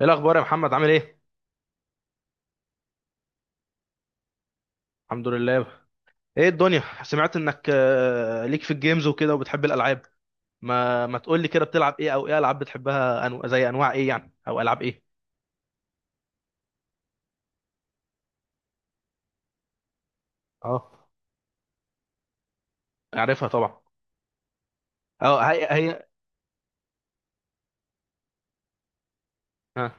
ايه الاخبار يا محمد، عامل ايه؟ الحمد لله. ايه الدنيا، سمعت انك ليك في الجيمز وكده وبتحب الالعاب. ما تقول لي كده، بتلعب ايه، او ايه العاب بتحبها؟ زي انواع ايه يعني، او العاب ايه؟ اه، اعرفها طبعا. اه، هي هي. ها.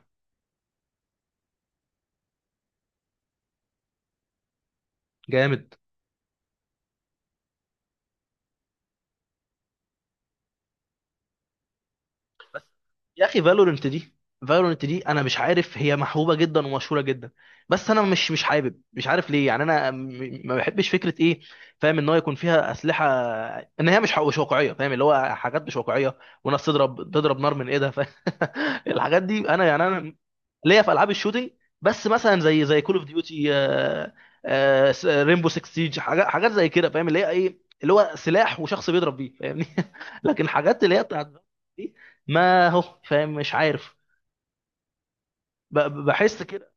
جامد. بس يا اخي، فالورنت دي انا مش عارف، هي محبوبه جدا ومشهوره جدا. بس انا مش حابب، مش عارف ليه، يعني انا ما بحبش فكره ايه. فاهم ان هو يكون فيها اسلحه، ان هي مش واقعيه، فاهم اللي هو حاجات مش واقعيه، وناس تضرب تضرب نار من ايدها، فاهم. الحاجات دي انا، يعني انا ليا في العاب الشوتينج، بس مثلا زي كول اوف ديوتي، ريمبو 6 سيج، حاجات حاجات زي كده، فاهم اللي هي ايه، اللي هو سلاح وشخص بيضرب بيه، فاهمني. لكن حاجات اللي هي بتاعت دي، ما هو فاهم، مش عارف، بحس كده.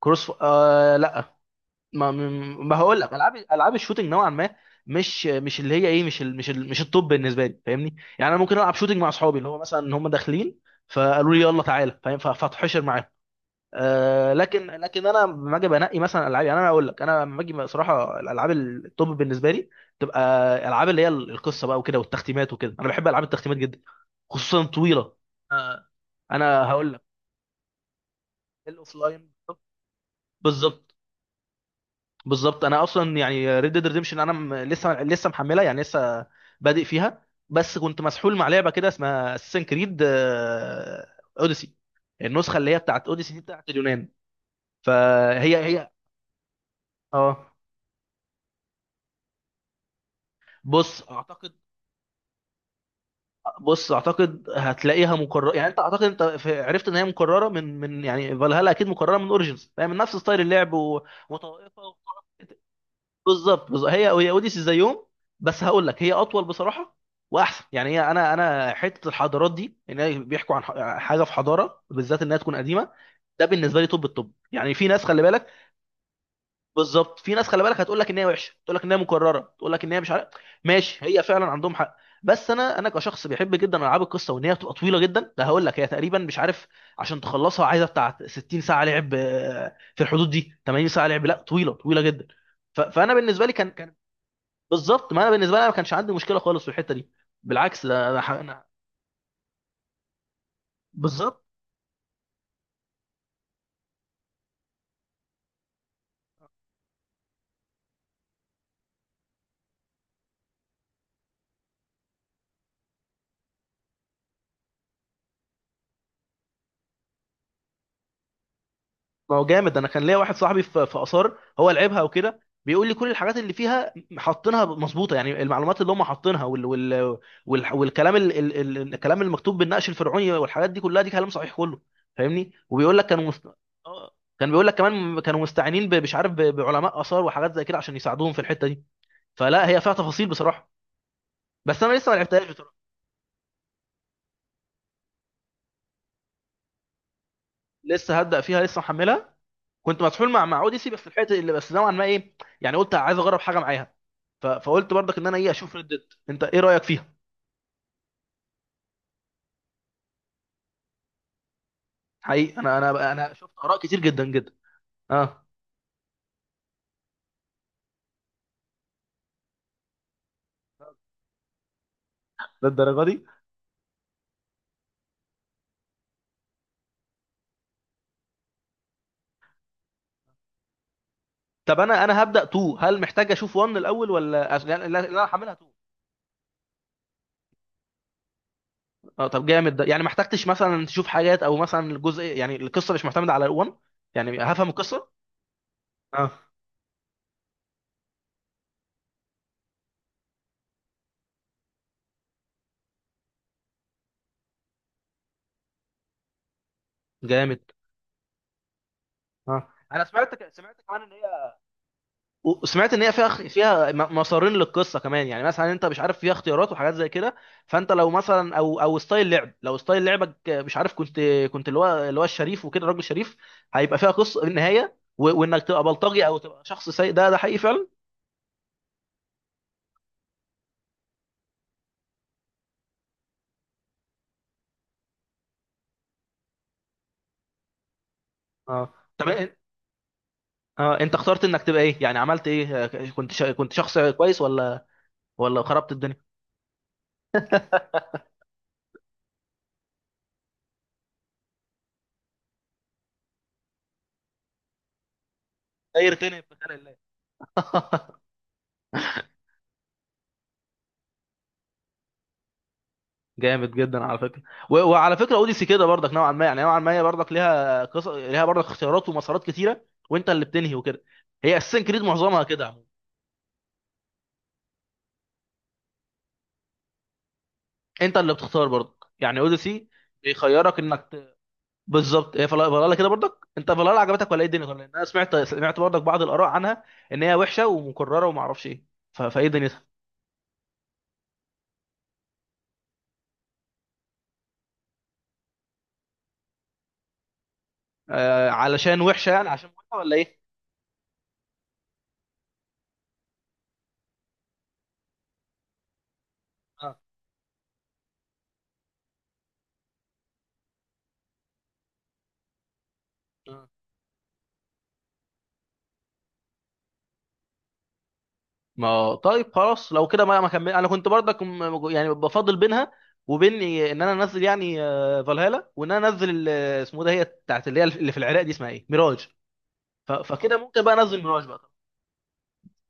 كروس ف... آه لا، ما ما هقول لك، العاب الشوتينج نوعا ما، مش اللي هي ايه، مش التوب بالنسبه لي، فاهمني. يعني انا ممكن العب شوتينج مع اصحابي، اللي هو مثلا هم داخلين فقالوا لي يلا تعالى، فاهم، فاتحشر معاهم. لكن انا لما اجي بنقي مثلا العاب، يعني انا اقول لك، انا لما اجي صراحه الالعاب التوب بالنسبه لي تبقى العاب اللي هي القصه بقى وكده والتختيمات وكده، انا بحب العاب التختيمات جدا، خصوصا طويله. آه، انا هقول لك، الاوفلاين. بالظبط، بالظبط. انا اصلا يعني ريد ديد ريديمشن انا لسه محملها، يعني لسه بادئ فيها، بس كنت مسحول مع لعبه كده اسمها اساسن كريد اوديسي. النسخه اللي هي بتاعت اوديسي دي بتاعت اليونان. فهي هي، اه. بص اعتقد بص اعتقد هتلاقيها مكرره، يعني انت، اعتقد انت عرفت ان هي مكرره من، يعني فالهالا اكيد مكرره من اوريجينز، يعني من نفس ستايل اللعب وطائفه بالظبط، بالظبط. هي هي اوديسي زي يوم، بس هقول لك هي اطول بصراحه، واحسن. يعني هي، انا حته الحضارات دي، ان هي بيحكوا عن حاجه في حضاره بالذات انها تكون قديمه، ده بالنسبه لي توب التوب. يعني في ناس خلي بالك. بالظبط، في ناس، خلي بالك، هتقول لك ان هي وحشه، تقول لك ان هي مكرره، تقول لك ان هي مش عارف. ماشي، هي فعلا عندهم حق، بس انا كشخص بيحب جدا العاب القصه، وان هي بتبقى طويله جدا، ده هقول لك هي تقريبا، مش عارف، عشان تخلصها عايزه بتاع 60 ساعه لعب، في الحدود دي 80 ساعه لعب. لا، طويله طويله جدا. فانا بالنسبه لي كان. بالظبط، ما انا بالنسبه لي أنا ما كانش عندي مشكله خالص في الحته دي، بالعكس ده انا بالظبط، ما هو جامد. انا كان ليا واحد صاحبي في اثار، هو لعبها وكده، بيقول لي كل الحاجات اللي فيها حاطينها مظبوطه، يعني المعلومات اللي هم حاطينها والكلام ال ال ال الكلام المكتوب بالنقش الفرعوني والحاجات دي كلها، دي كلام صحيح كله، فاهمني. وبيقول لك كانوا مست... آه، كان بيقول لك كمان كانوا مستعينين مش عارف بعلماء اثار وحاجات زي كده عشان يساعدوهم في الحته دي. فلا، هي فيها تفاصيل بصراحه، بس انا لسه ما لعبتهاش بصراحه. لسه هبدا فيها، لسه محملها. كنت مسحول مع اوديسي، بس الحته اللي بس نوعا ما ايه، يعني قلت عايز اجرب حاجه معاها، فقلت برضك ان انا ايه، اشوف ريد ديد. انت ايه رايك فيها؟ حقيقي، انا شفت اراء كتير جدا جدا. اه، للدرجه دي؟ طب انا هبدا 2، هل محتاج اشوف 1 الاول ولا لا، لا، لا، انا هعملها 2. اه، طب جامد، ده يعني ما احتجتش مثلا تشوف حاجات، او مثلا الجزء يعني القصه مش معتمده على 1؟ يعني هفهم القصه. اه، جامد. اه، انا سمعت كمان ان هي، وسمعت ان هي فيها مسارين للقصه كمان. يعني مثلا انت مش عارف، فيها اختيارات وحاجات زي كده، فانت لو مثلا، او ستايل لعب، لو ستايل لعبك مش عارف، كنت اللي هو الشريف وكده، الراجل الشريف، هيبقى فيها قصه النهايه، وانك تبقى بلطجي او تبقى شخص سيء، ده حقيقي فعلا. اه، طب اه انت اخترت انك تبقى ايه، يعني عملت ايه؟ كنت شخص كويس ولا خربت الدنيا؟ خير، تاني في خلق الله. جامد جدا على فكره. وعلى فكره، اوديسي كده برضك نوعا ما، يعني نوعا ما هي برضك ليها قصص، ليها برضك اختيارات ومسارات كتيره، وانت اللي بتنهي وكده. هي اساسا كريد معظمها كده عموماً. انت اللي بتختار برضك. يعني اوديسي بيخيرك انك بالظبط. هي فلالا كده برضك، انت فلالا عجبتك ولا ايه الدنيا كلها؟ انا سمعت برضك بعض الاراء عنها، ان هي وحشه ومكرره وما اعرفش ايه، فايه دنيتها؟ علشان وحشه، يعني عشان وحشه ولا ايه؟ اه، آه. ما طيب خلاص، لو كده ما كمل. انا كنت برضك يعني بفضل بينها وبين ان انا انزل، يعني فالهالا، وان انا انزل اسمه ده، هي بتاعت اللي هي اللي في العراق دي، اسمها ايه، ميراج. فكده ممكن بقى انزل ميراج بقى.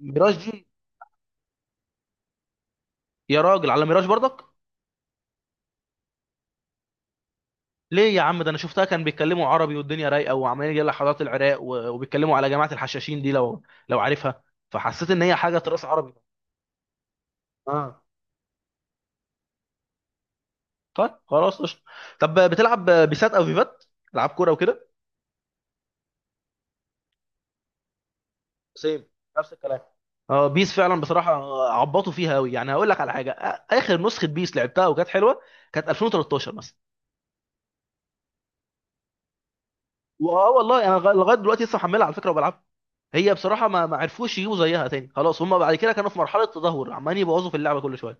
ميراج دي، يا راجل، على ميراج برضك؟ ليه يا عم؟ ده انا شفتها كان بيتكلموا عربي، والدنيا رايقه، وعمالين يجي حضارات العراق وبيتكلموا على جماعه الحشاشين دي، لو عارفها، فحسيت ان هي حاجه تراث عربي. اه، طيب خلاص قشطه. طب بتلعب بيسات او فيفات، العاب كوره وكده؟ سيم، نفس الكلام. اه، بيس فعلا بصراحه عبطوا فيها قوي. يعني هقول لك على حاجه، اخر نسخه بيس لعبتها وكانت حلوه، كانت 2013 مثلا. واه والله، انا لغايه دلوقتي لسه محملها على فكره وبلعبها. هي بصراحه ما عرفوش يجيبوا زيها تاني، خلاص. هم بعد كده كانوا في مرحله تدهور، عمالين يبوظوا في اللعبه كل شويه.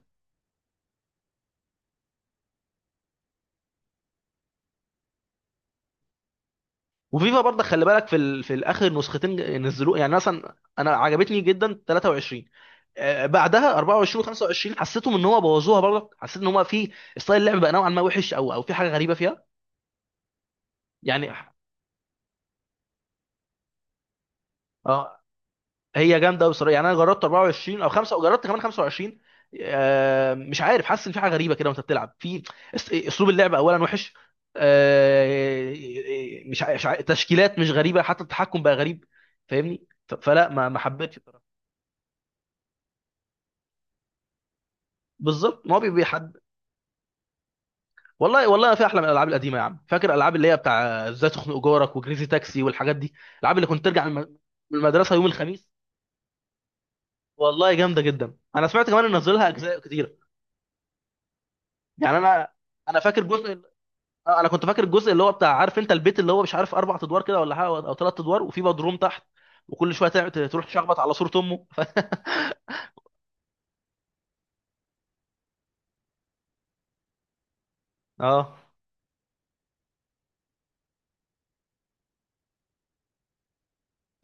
وفيفا برضه خلي بالك في في الاخر نسختين نزلوه، يعني مثلا انا عجبتني جدا 23، بعدها 24 و25 حسيتهم ان هو بوظوها برضه. حسيت ان هو في ستايل اللعب بقى نوعا ما وحش، او في حاجه غريبه فيها، يعني. اه، هي جامده قوي بصراحه. يعني انا جربت 24 او 5 وجربت كمان 25. مش عارف، حاسس ان في حاجه غريبه كده وانت بتلعب في اسلوب اللعب اولا وحش. آه مش ع- مش ع- تشكيلات مش غريبه، حتى التحكم بقى غريب، فاهمني. فلا، ما حبيتش بصراحه. بالظبط، ما هو بيحد. والله، والله في احلى من الالعاب القديمه، يا عم فاكر الالعاب اللي هي بتاع، ازاي تخنق جارك وكريزي تاكسي والحاجات دي؟ الالعاب اللي كنت ترجع من المدرسه يوم الخميس. والله جامده جدا. انا سمعت كمان ان نزلها اجزاء كتير. يعني انا فاكر جزء، انا كنت فاكر الجزء اللي هو بتاع، عارف انت البيت اللي هو مش عارف اربع ادوار كده ولا حاجه، او ثلاث ادوار، وفي بدروم تحت، وكل شويه تروح تشخبط على صوره امه. اه،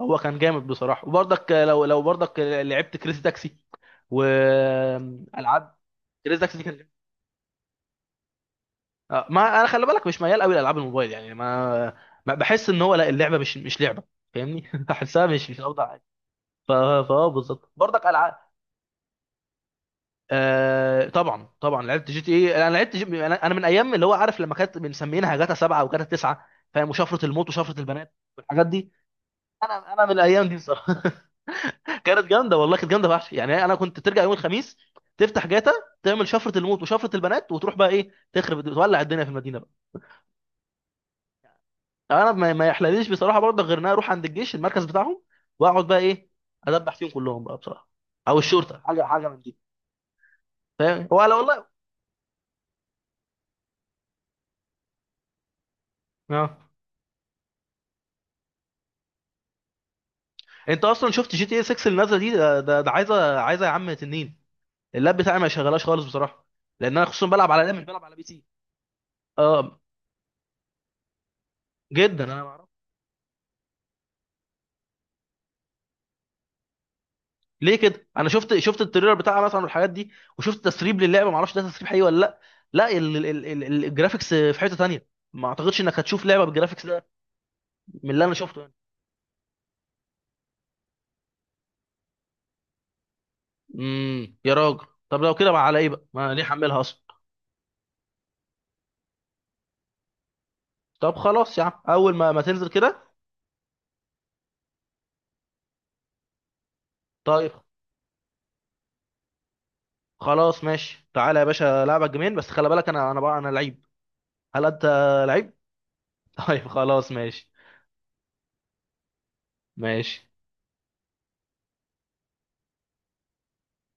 هو كان جامد بصراحه، وبرضك لو برضك لعبت كريزي تاكسي والعاب. كريزي تاكسي دي كان جامد. ما انا خلي بالك مش ميال قوي لالعاب الموبايل، يعني ما بحس ان هو، لا، اللعبه مش لعبه، فاهمني. بحسها مش اوضح حاجه، فا بالظبط برضك العاب. طبعا، طبعا، لعبت جي تي ايه. انا لعبت انا من ايام، اللي هو عارف لما كانت بنسمينها جاتا 7 وجاتا 9، فاهم، وشفرة الموت وشفرة البنات والحاجات دي. انا من الايام دي الصراحه. كانت جامده والله، كانت جامده فشخ. يعني انا كنت ترجع يوم الخميس، تفتح جاتا، تعمل شفرة الموت وشفرة البنات، وتروح بقى ايه، تخرب، تولع الدنيا في المدينه بقى. انا ما يحلليش بصراحه برضه، غير ان انا اروح عند الجيش المركز بتاعهم، واقعد بقى ايه، ادبح فيهم كلهم بقى بصراحه، او الشرطه، حاجه حاجه من دي، فاهم، هو على والله. اه، انت اصلا شفت جي تي اي 6 اللي نازله دي؟ ده عايزه، عايزه يا عم تنين. اللاب بتاعي ما شغلاش خالص بصراحه، لان انا خصوصا بلعب على لاب، مش بلعب على بي سي. اه، جدا. انا ما اعرف، ليه كده انا شفت التريلر بتاعها مثلا والحاجات دي، وشفت تسريب للعبه، ما اعرفش ده تسريب حقيقي ولا لا. لا، الجرافيكس في حته تانية، ما اعتقدش انك هتشوف لعبه بالجرافيكس ده، من اللي انا شفته يعني. يا راجل، طب لو كده بقى، على ايه بقى، ما ليه حملها اصلا. طب خلاص يا عم، اول ما تنزل كده. طيب، خلاص، ماشي. تعالى يا باشا، لعبك جيمين بس خلي بالك، انا بقى انا لعيب. هل انت لعيب؟ طيب خلاص، ماشي، ماشي.